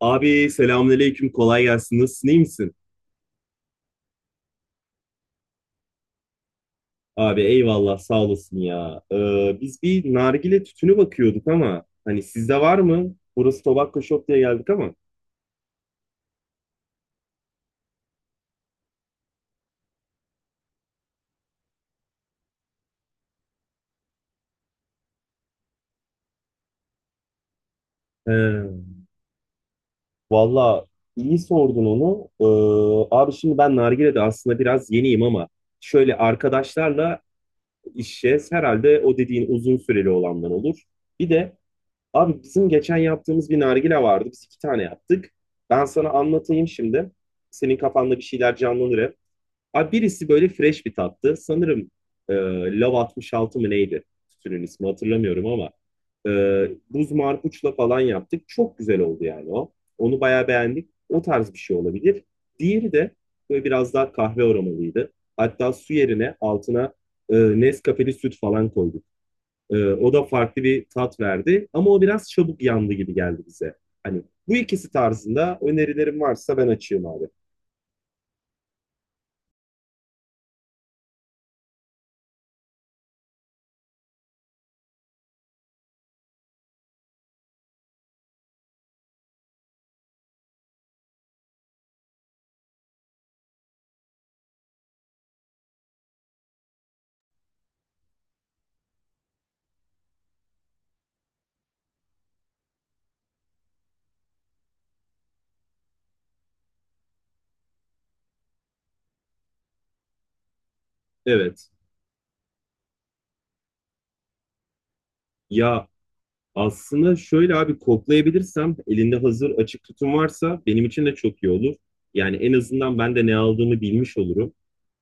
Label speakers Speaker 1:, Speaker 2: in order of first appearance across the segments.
Speaker 1: Abi selamünaleyküm, kolay gelsin. Nasılsın, iyi misin? Abi eyvallah, sağ olasın ya. Biz bir nargile tütünü bakıyorduk ama hani sizde var mı? Burası Tobacco Shop diye geldik ama. He, valla iyi sordun onu. Abi şimdi ben nargilede aslında biraz yeniyim ama şöyle arkadaşlarla içeceğiz. Herhalde o dediğin uzun süreli olanlar olur. Bir de abi bizim geçen yaptığımız bir nargile vardı. Biz iki tane yaptık. Ben sana anlatayım şimdi. Senin kafanda bir şeyler canlanır hep. Abi birisi böyle fresh bir tattı. Sanırım e, Love 66 mı neydi? Tütünün ismi hatırlamıyorum ama. E, Buz marpuçla falan yaptık. Çok güzel oldu yani o. Onu bayağı beğendik. O tarz bir şey olabilir. Diğeri de böyle biraz daha kahve aromalıydı. Hatta su yerine altına Nescafe'li süt falan koyduk. O da farklı bir tat verdi. Ama o biraz çabuk yandı gibi geldi bize. Hani bu ikisi tarzında önerilerim varsa ben açayım abi. Evet. Ya aslında şöyle abi, koklayabilirsem elinde hazır açık tutum varsa benim için de çok iyi olur. Yani en azından ben de ne aldığımı bilmiş olurum.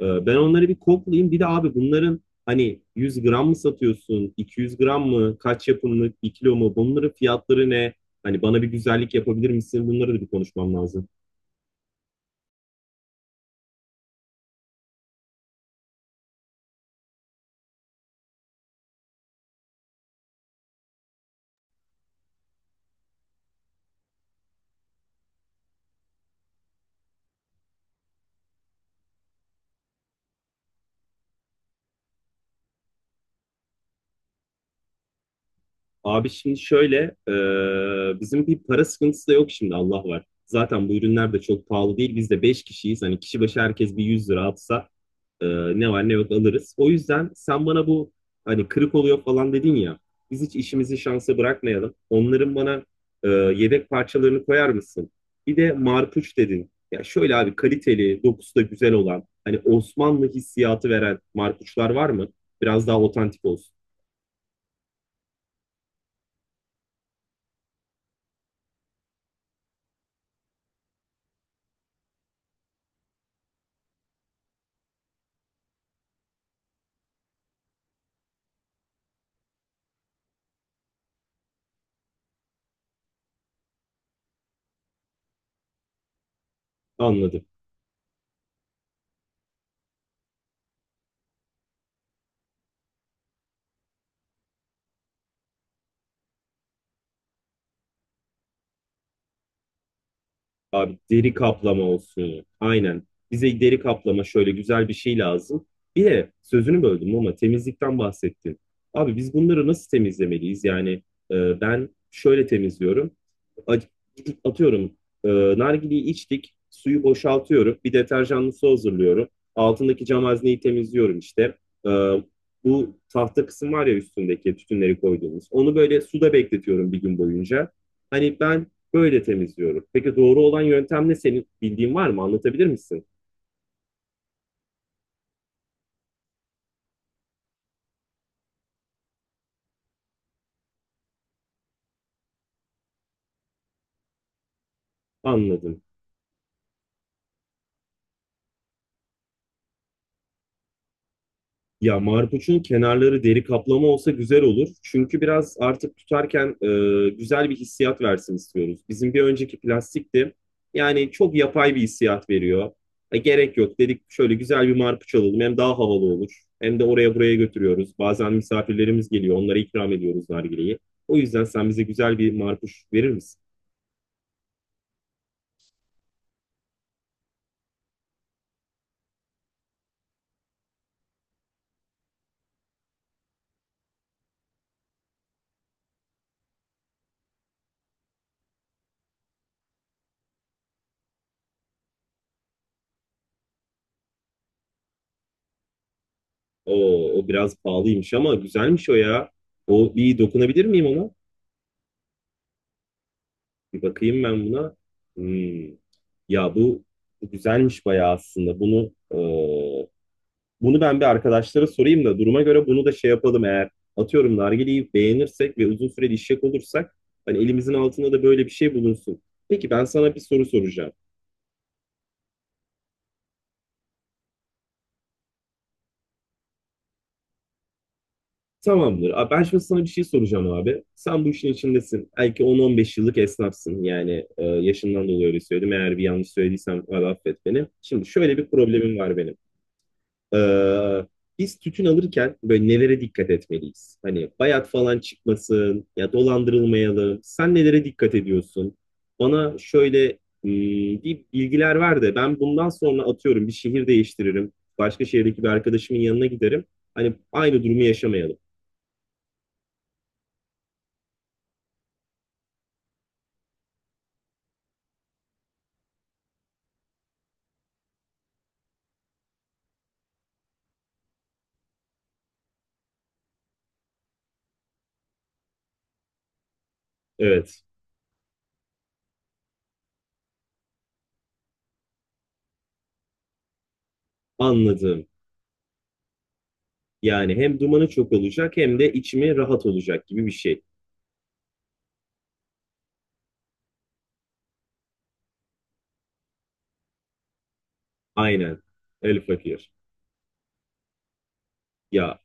Speaker 1: Ben onları bir koklayayım. Bir de abi bunların hani 100 gram mı satıyorsun, 200 gram mı, kaç yapımlık, 1 kilo mu, bunların fiyatları ne? Hani bana bir güzellik yapabilir misin? Bunları da bir konuşmam lazım. Abi şimdi şöyle, bizim bir para sıkıntısı da yok şimdi, Allah var. Zaten bu ürünler de çok pahalı değil. Biz de 5 kişiyiz. Hani kişi başı herkes 100 lira atsa e, ne var ne yok alırız. O yüzden sen bana bu, hani kırık oluyor falan dedin ya, biz hiç işimizi şansa bırakmayalım. Onların bana yedek parçalarını koyar mısın? Bir de marpuç dedin. Ya şöyle abi, kaliteli, dokusu da güzel olan, hani Osmanlı hissiyatı veren marpuçlar var mı? Biraz daha otantik olsun. Anladım. Abi deri kaplama olsun. Aynen. Bize deri kaplama şöyle güzel bir şey lazım. Bir de sözünü böldüm ama temizlikten bahsettin. Abi biz bunları nasıl temizlemeliyiz? Yani ben şöyle temizliyorum. A- Gidip atıyorum, e, nargileyi içtik, suyu boşaltıyorum. Bir deterjanlı su hazırlıyorum. Altındaki cam hazneyi temizliyorum işte. E, Bu tahta kısım var ya üstündeki tütünleri koyduğumuz, onu böyle suda bekletiyorum bir gün boyunca. Hani ben böyle temizliyorum. Peki doğru olan yöntem ne? Senin bildiğin var mı? Anlatabilir misin? Anladım. Ya marpuçun kenarları deri kaplama olsa güzel olur. Çünkü biraz artık tutarken güzel bir hissiyat versin istiyoruz. Bizim bir önceki plastikti. Yani çok yapay bir hissiyat veriyor. Gerek yok dedik, şöyle güzel bir marpuç alalım. Hem daha havalı olur, hem de oraya buraya götürüyoruz. Bazen misafirlerimiz geliyor, onlara ikram ediyoruz nargileyi. O yüzden sen bize güzel bir marpuç verir misin? O biraz pahalıymış ama güzelmiş o ya. O, bir dokunabilir miyim ona? Bir bakayım ben buna. Hmm. Ya bu, Bu güzelmiş bayağı aslında. Bunu ben bir arkadaşlara sorayım da duruma göre bunu da şey yapalım, eğer atıyorum nargileyi beğenirsek ve uzun süreli işek olursak, hani elimizin altında da böyle bir şey bulunsun. Peki ben sana bir soru soracağım. Tamamdır. Abi ben şimdi sana bir şey soracağım abi. Sen bu işin içindesin. Belki 10-15 yıllık esnafsın. Yani yaşından dolayı öyle söyledim. Eğer bir yanlış söylediysem abi affet beni. Şimdi şöyle bir problemim var benim. Ee, Biz tütün alırken böyle nelere dikkat etmeliyiz? Hani bayat falan çıkmasın ya, dolandırılmayalım. Sen nelere dikkat ediyorsun? Bana şöyle hmm, bir bilgiler ver de ben bundan sonra atıyorum bir şehir değiştiririm. Başka şehirdeki bir arkadaşımın yanına giderim. Hani aynı durumu yaşamayalım. Evet. Anladım. Yani hem dumanı çok olacak hem de içimi rahat olacak gibi bir şey. Aynen. El fakir. Ya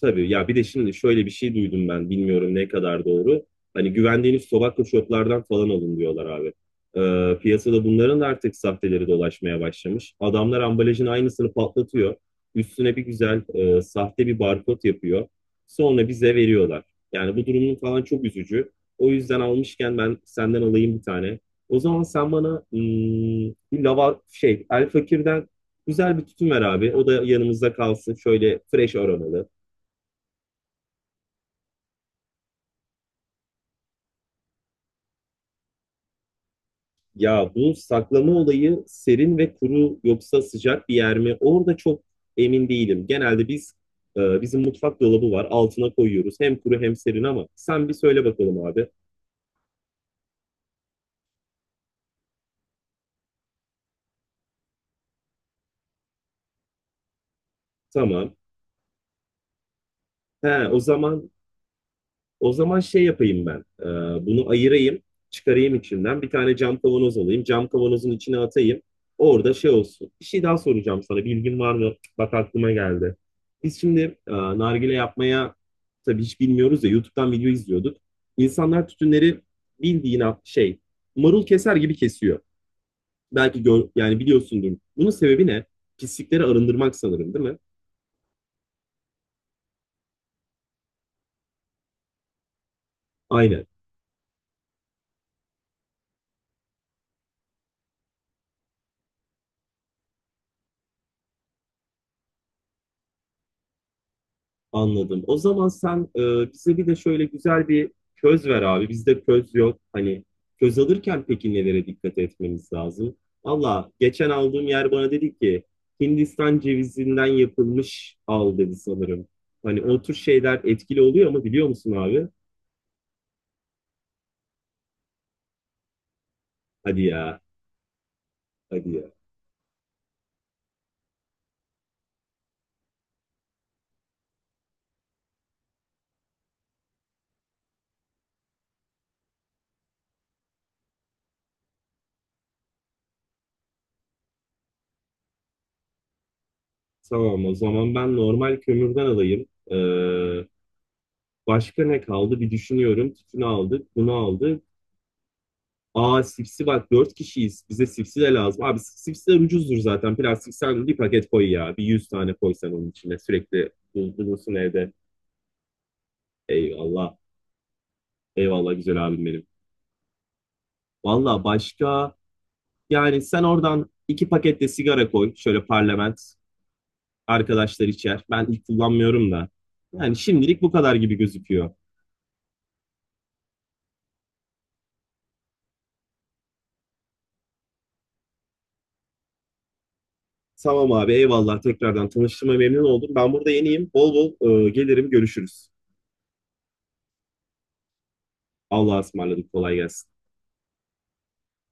Speaker 1: tabii ya, bir de şimdi şöyle bir şey duydum, ben bilmiyorum ne kadar doğru. Hani güvendiğiniz tobacco shoplardan falan alın diyorlar abi. Piyasada bunların da artık sahteleri dolaşmaya başlamış. Adamlar ambalajın aynısını patlatıyor. Üstüne bir güzel sahte bir barkod yapıyor. Sonra bize veriyorlar. Yani bu durumun falan çok üzücü. O yüzden almışken ben senden alayım bir tane. O zaman sen bana bir lava şey, El Fakir'den güzel bir tütün ver abi. O da yanımızda kalsın. Şöyle fresh aromalı. Ya bu saklama olayı serin ve kuru, yoksa sıcak bir yer mi? Orada çok emin değilim. Genelde biz bizim mutfak dolabı var, altına koyuyoruz. Hem kuru hem serin ama sen bir söyle bakalım abi. Tamam. He, o zaman, o zaman şey yapayım ben. Bunu ayırayım, çıkarayım içinden. Bir tane cam kavanoz alayım. Cam kavanozun içine atayım. Orada şey olsun. Bir şey daha soracağım sana. Bilgin var mı? Bak aklıma geldi. Biz şimdi nargile yapmaya, tabii hiç bilmiyoruz ya, YouTube'dan video izliyorduk. İnsanlar tütünleri bildiğin şey, marul keser gibi kesiyor. Belki gör, yani biliyorsundur. Bunun sebebi ne? Pislikleri arındırmak sanırım, değil mi? Aynen. Anladım. O zaman sen bize bir de şöyle güzel bir köz ver abi. Bizde köz yok. Hani köz alırken peki nelere dikkat etmemiz lazım? Valla geçen aldığım yer bana dedi ki Hindistan cevizinden yapılmış al dedi sanırım. Hani o tür şeyler etkili oluyor ama, biliyor musun abi? Hadi ya, hadi ya. Tamam, o zaman ben normal kömürden alayım. Ee, Başka ne kaldı bir düşünüyorum. Tütünü aldık, bunu aldık. Aa, sipsi, bak dört kişiyiz, bize sipsi de lazım. Abi sipsiler ucuzdur zaten. Plastik, sen bir paket koy ya. 100 tane koy sen onun içine. Sürekli bulunsun evde. Eyvallah. Eyvallah güzel abim benim. Valla başka, yani sen oradan iki paket de sigara koy. Şöyle parlament. Arkadaşlar içer. Ben ilk kullanmıyorum da. Yani şimdilik bu kadar gibi gözüküyor. Tamam abi eyvallah. Tekrardan tanıştığıma memnun oldum. Ben burada yeniyim. Bol bol gelirim, görüşürüz. Allah'a ısmarladık. Kolay gelsin.